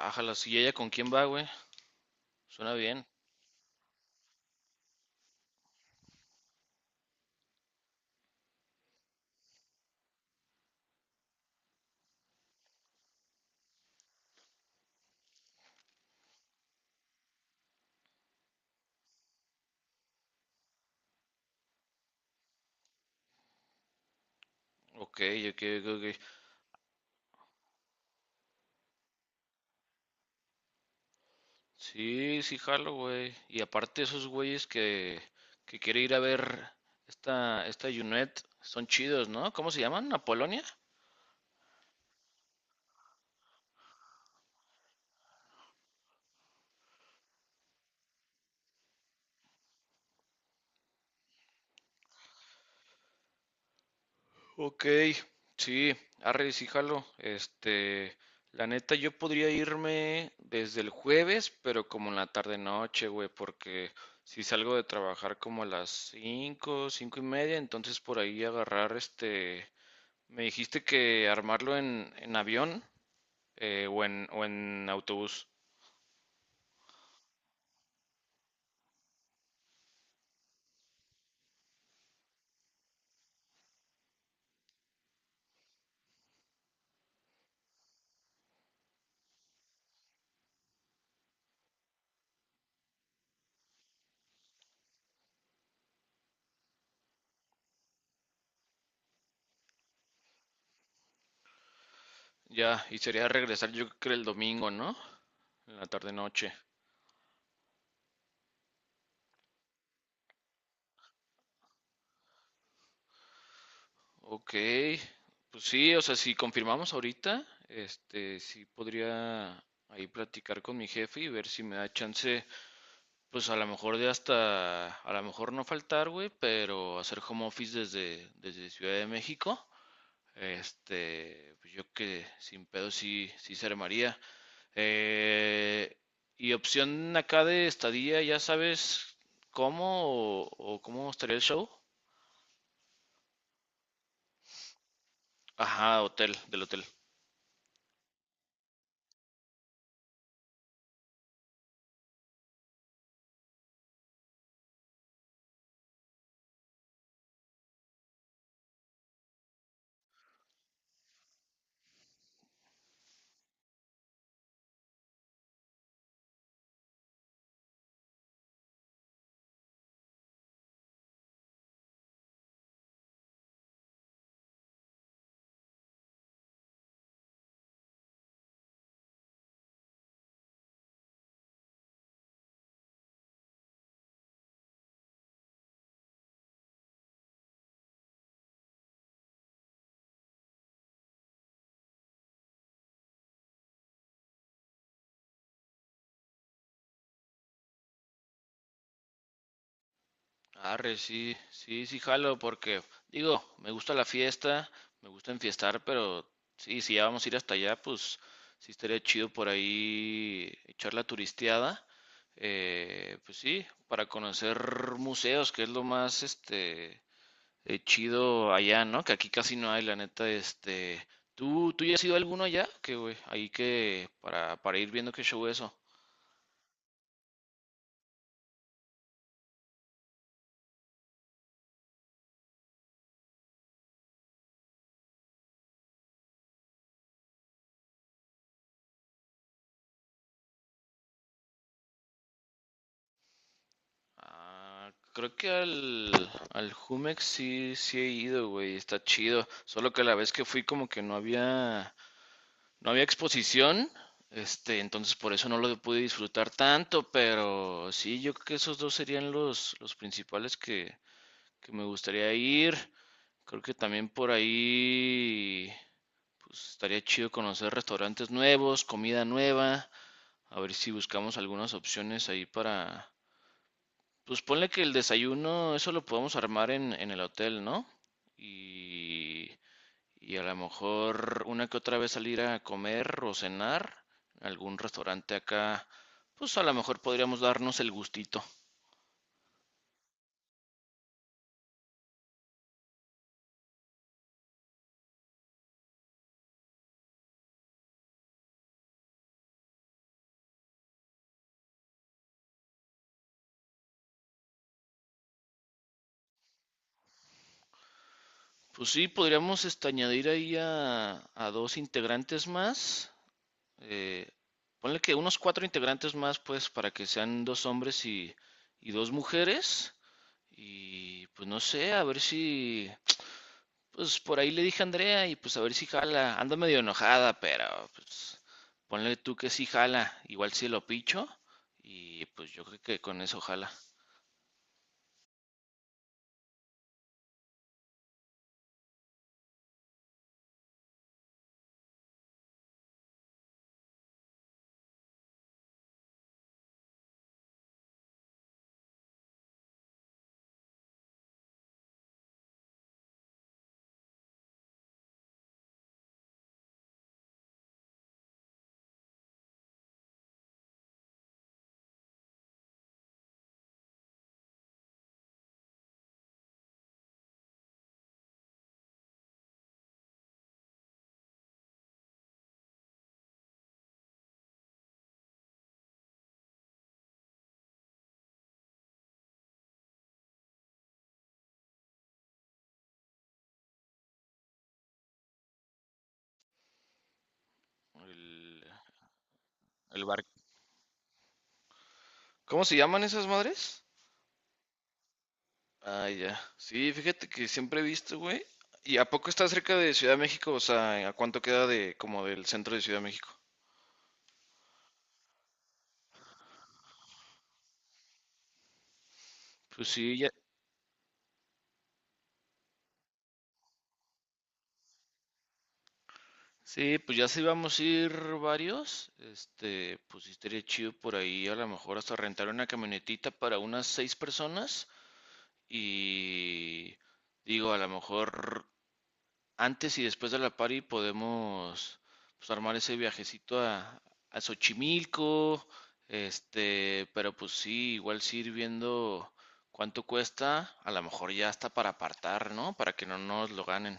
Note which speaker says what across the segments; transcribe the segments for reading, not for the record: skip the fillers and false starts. Speaker 1: Ájala, sí, ella con quién va, güey? Suena bien. Ok, ok, ok, ok. Sí, sí, jalo, güey. Y aparte esos güeyes que quiere ir a ver esta Junet, son chidos, ¿no? ¿Cómo se llaman? ¿Apolonia? Ok, sí, arre, sí, jalo. La neta, yo podría irme desde el jueves, pero como en la tarde-noche, güey, porque si salgo de trabajar como a las 5, 5 y media, entonces por ahí agarrar este. Me dijiste que armarlo en avión, o o en autobús. Ya, y sería regresar yo creo que el domingo, ¿no? En la tarde noche. Ok, pues sí, o sea, si confirmamos ahorita, este, sí podría ahí platicar con mi jefe y ver si me da chance, pues a lo mejor de hasta, a lo mejor no faltar, güey, pero hacer home office desde Ciudad de México. Este, pues yo que sin pedo sí se armaría. Eh, y opción acá de estadía, ya sabes cómo o cómo estaría el show. Ajá, hotel, del hotel. Arre, sí, sí, sí, jalo, porque digo, me gusta la fiesta, me gusta enfiestar, pero sí, si ya vamos a ir hasta allá, pues sí estaría chido por ahí echar la turisteada. Pues sí, para conocer museos, que es lo más, este, chido allá, ¿no? Que aquí casi no hay, la neta, este... ¿Tú ya has ido a alguno allá? Que, güey, ahí que... Para ir viendo qué show eso. Ah, creo que al Jumex sí, sí he ido, güey, está chido. Solo que la vez que fui como que no había, no había exposición, este, entonces por eso no lo pude disfrutar tanto, pero sí, yo creo que esos dos serían los principales que me gustaría ir. Creo que también por ahí... Pues estaría chido conocer restaurantes nuevos, comida nueva, a ver si buscamos algunas opciones ahí para... Pues ponle que el desayuno, eso lo podemos armar en el hotel, ¿no? Y, y a lo mejor una que otra vez salir a comer o cenar, en algún restaurante acá, pues a lo mejor podríamos darnos el gustito. Pues sí, podríamos este, añadir ahí a dos integrantes más. Eh, ponle que unos cuatro integrantes más, pues, para que sean dos hombres y dos mujeres. Y pues no sé, a ver si, pues por ahí le dije a Andrea y pues a ver si jala. Anda medio enojada, pero pues ponle tú que sí jala, igual si lo picho. Y pues yo creo que con eso jala el, el barco. ¿Cómo se llaman esas madres? Ah, ya. Sí, fíjate que siempre he visto, güey. ¿Y a poco está cerca de Ciudad de México? O sea, ¿a cuánto queda de como del centro de Ciudad de México? Pues sí, ya, sí, pues ya sí vamos a ir varios. Este, pues sí estaría chido por ahí, a lo mejor hasta rentar una camionetita para unas seis personas. Y digo, a lo mejor antes y después de la party podemos, pues, armar ese viajecito a Xochimilco, este, pero pues sí, igual sí ir viendo cuánto cuesta, a lo mejor ya está para apartar, ¿no? Para que no nos lo ganen.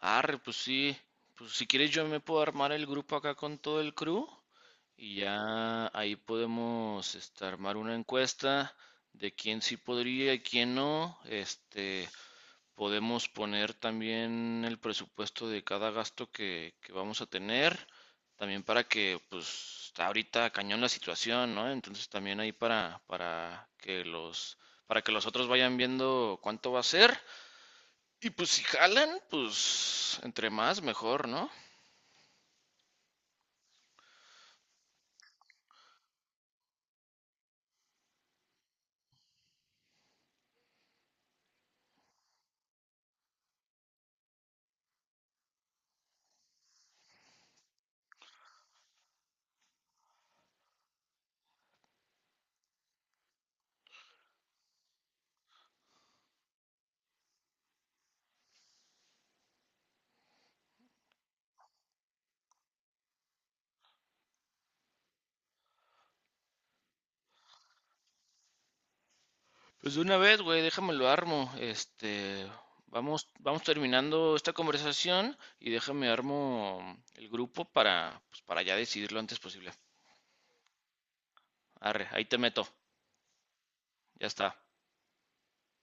Speaker 1: Arre, pues sí, pues si quieres yo me puedo armar el grupo acá con todo el crew y ya ahí podemos este, armar una encuesta de quién sí podría y quién no, este, podemos poner también el presupuesto de cada gasto que vamos a tener, también para que, pues, está ahorita cañón la situación, ¿no? Entonces también ahí para que para que los otros vayan viendo cuánto va a ser. Y pues si jalan, pues entre más mejor, ¿no? Pues de una vez, güey, déjame lo armo. Este, vamos terminando esta conversación y déjame armo el grupo para, pues, para ya decidirlo antes posible. Arre, ahí te meto. Ya está.